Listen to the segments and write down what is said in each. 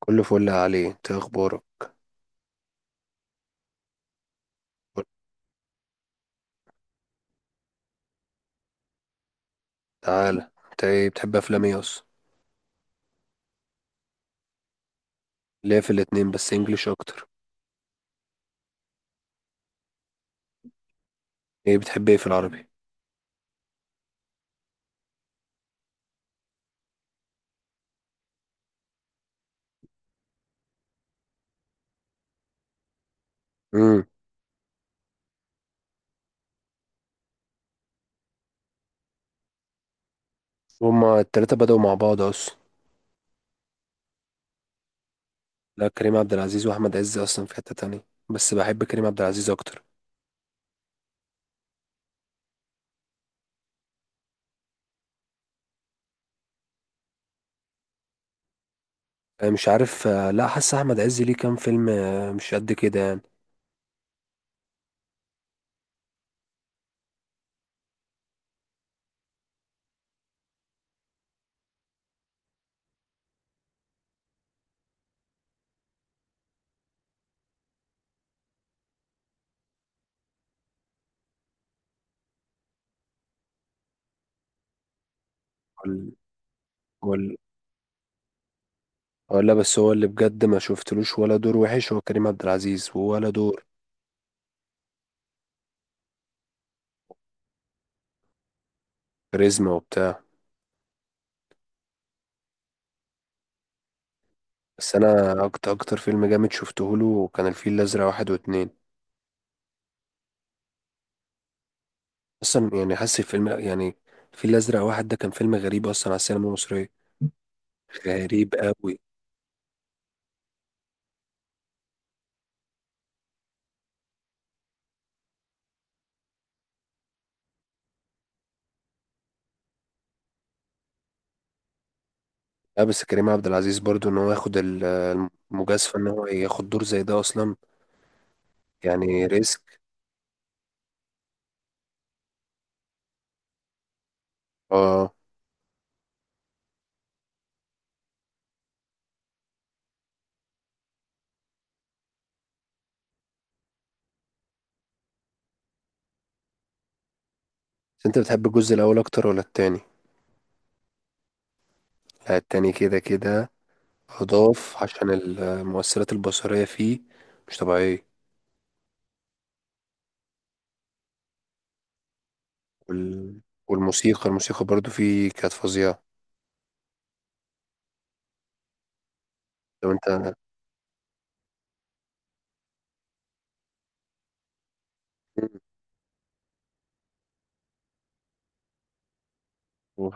كله فل عليه، انت إيه اخبارك؟ تعالى، انت ايه بتحب افلام ايه اصلا؟ ليه في الاتنين، بس انجليش اكتر. ايه بتحب ايه في العربي؟ امم. هما التلاتة بدأوا مع بعض اصلا. لا، كريم عبد العزيز واحمد عز اصلا في حتة تانية، بس بحب كريم عبد العزيز اكتر. اه، مش عارف. اه، لا، حاسس احمد عز ليه كام فيلم، اه، مش قد كده يعني. ولا. ولا. ولا، بس هو اللي بجد ما شفتلوش ولا دور وحش هو كريم عبد العزيز، ولا دور. كاريزما وبتاع. بس انا اكتر اكتر فيلم جامد شفته له كان الفيل الازرق واحد واتنين. اصلا يعني حاسس الفيلم يعني. الفيل الازرق واحد ده كان فيلم غريب اصلا على السينما المصريه. غريب قوي. لا، بس كريم عبد العزيز برضو ان هو ياخد المجازفه، ان هو ياخد دور زي ده اصلا. يعني ريسك. اه، بس انت بتحب الجزء الاول اكتر ولا التاني؟ لا، التاني كده كده. اضاف عشان المؤثرات البصريه فيه مش طبيعيه. والموسيقى برضو فيه كانت فظيعه. لو انت،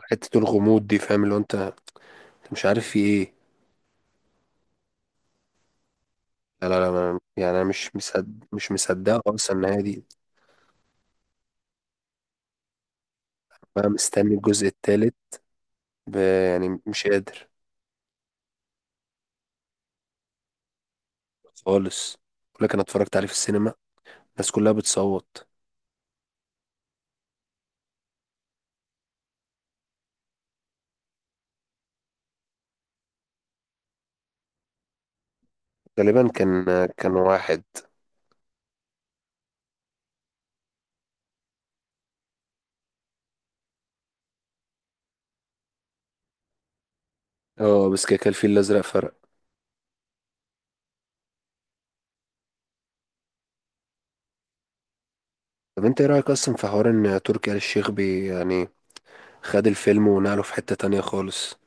حته الغموض دي، فاهم اللي هو انت، أنت مش عارف في ايه. لا لا لا، يعني انا مش مصدق، مش مصدقه خالص النهايه دي. بقى مستني الجزء التالت، يعني مش قادر خالص. بقول لك انا اتفرجت عليه في السينما، الناس كلها بتصوت. غالبا كان واحد. اه، بس كده كان الفيل الازرق فرق. طب انت ايه رايك اصلا في حوار ان تركي آل الشيخ بي، يعني خد الفيلم ونقله في حته تانية خالص؟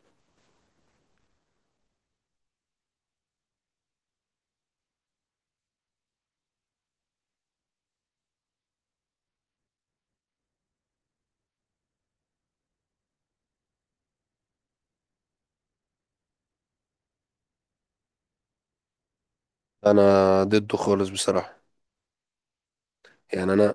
انا ضده خالص بصراحه. يعني انا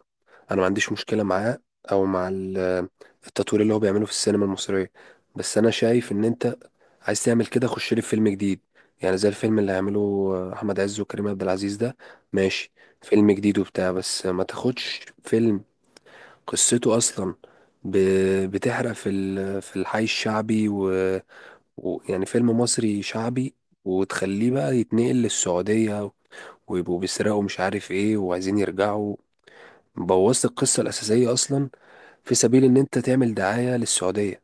انا ما عنديش مشكله معاه، او مع التطوير اللي هو بيعمله في السينما المصريه. بس انا شايف ان انت عايز تعمل كده، خش لي في فيلم جديد، يعني زي الفيلم اللي هيعمله احمد عز وكريم عبد العزيز ده. ماشي، فيلم جديد وبتاع، بس ما تاخدش فيلم قصته اصلا بتحرق في في الحي الشعبي ويعني، يعني فيلم مصري شعبي، وتخليه بقى يتنقل للسعوديه، ويبقوا بيسرقوا مش عارف ايه وعايزين يرجعوا. بوظت القصة الأساسية أصلا في سبيل إن أنت تعمل دعاية للسعودية.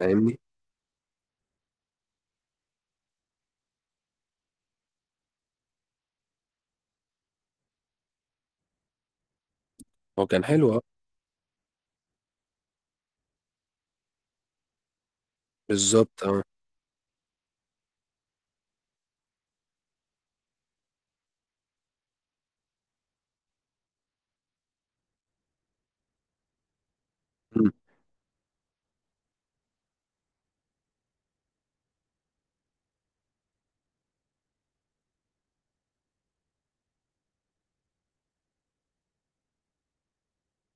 فاهمني؟ هو كان حلو أه. بالظبط أه. مم.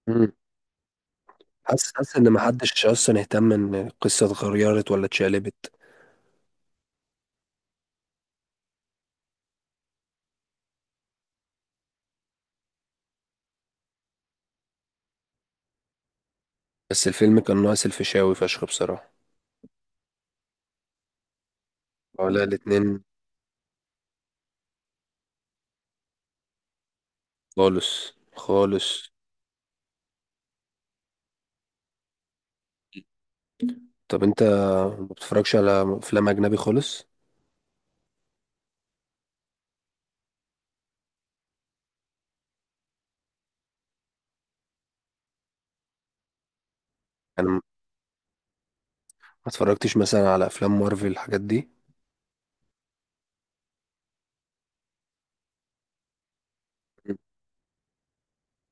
مم. حاسس، حاسس إن محدش أصلا اهتم إن القصة اتغيرت ولا اتشقلبت. بس الفيلم كان ناقص الفيشاوي فشخ بصراحة. ولا الاتنين. خالص خالص. طب أنت ما بتتفرجش على أفلام أجنبي خالص؟ أنا ما اتفرجتش مثلا على أفلام مارفل الحاجات دي. مم.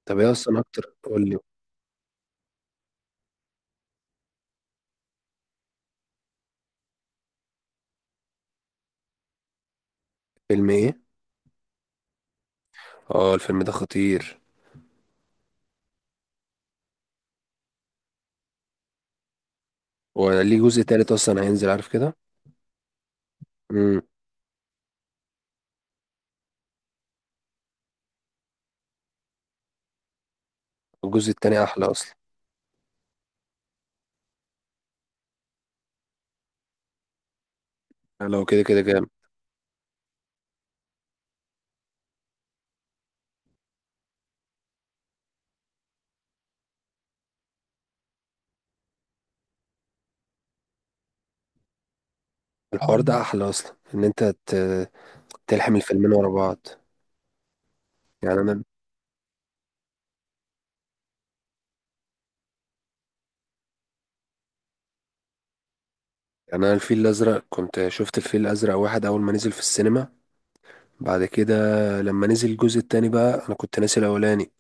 طب إيه أصلا أكتر، قول لي. فيلم إيه؟ أه، الفيلم ده خطير. وليه جزء تالت أصلا هينزل عارف كده؟ امم. الجزء التاني احلى اصلا. يعني لو كده كده جامد. الحوار ده احلى اصلا ان انت تلحم الفيلمين ورا بعض. يعني انا، يعني انا الفيل الازرق كنت شفت الفيل الازرق واحد اول ما نزل في السينما. بعد كده لما نزل الجزء التاني بقى انا كنت ناسي الاولاني،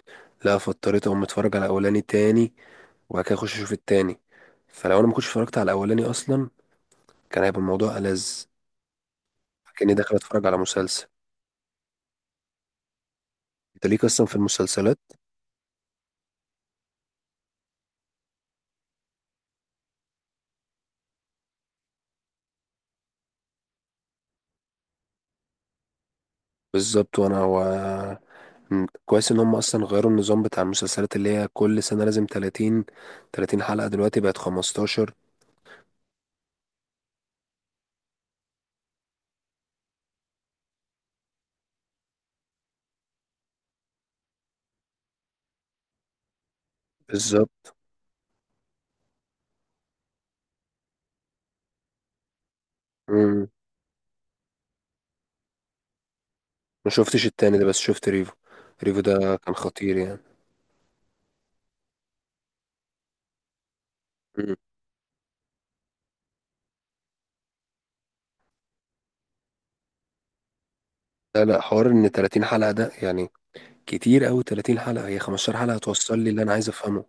لا فاضطريت اقوم اتفرج على الاولاني تاني، وبعد كده اخش اشوف التاني. فلو انا ما كنتش اتفرجت على الاولاني اصلا كان هيبقى الموضوع ألذ، كأني داخل اتفرج على مسلسل. انت ليك اصلا في المسلسلات؟ بالظبط. وانا هو كويس ان هم اصلا غيروا النظام بتاع المسلسلات اللي هي كل سنة لازم 30. 30 حلقة دلوقتي بقت 15. بالظبط. مم. ما شفتش التاني ده، بس شفت ريفو. ريفو ده كان خطير يعني. مم. لا لا، حوار ان 30 حلقة ده يعني كتير قوي، 30 حلقة هي 15 حلقة توصل لي اللي انا عايز افهمه.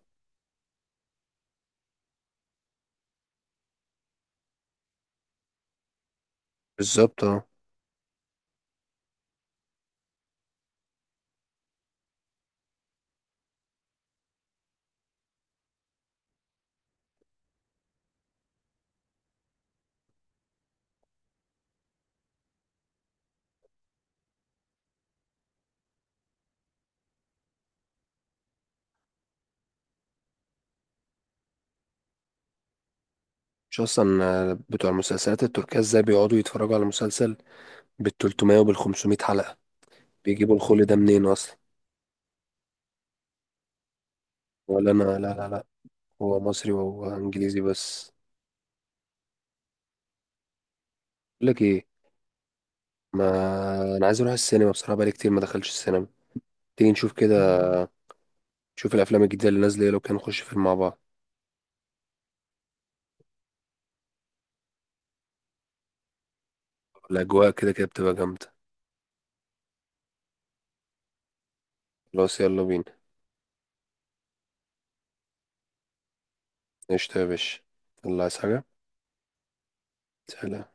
بالظبط اه. مش اصلا. بتوع المسلسلات التركية ازاي بيقعدوا يتفرجوا على مسلسل بال 300 وبال 500 حلقة؟ بيجيبوا الخل ده منين اصلا؟ ولا انا، لا لا لا، هو مصري وهو انجليزي بس. بقول لك ايه، ما انا عايز اروح السينما بصراحه، بقالي كتير ما دخلتش السينما. تيجي نشوف كده، نشوف الافلام الجديده اللي نازله إيه، لو كان نخش فيلم مع بعض. الاجواء كده كده بتبقى جامده. خلاص يلا بينا. قشطة يا باشا، يلا عايز حاجه؟ سلام.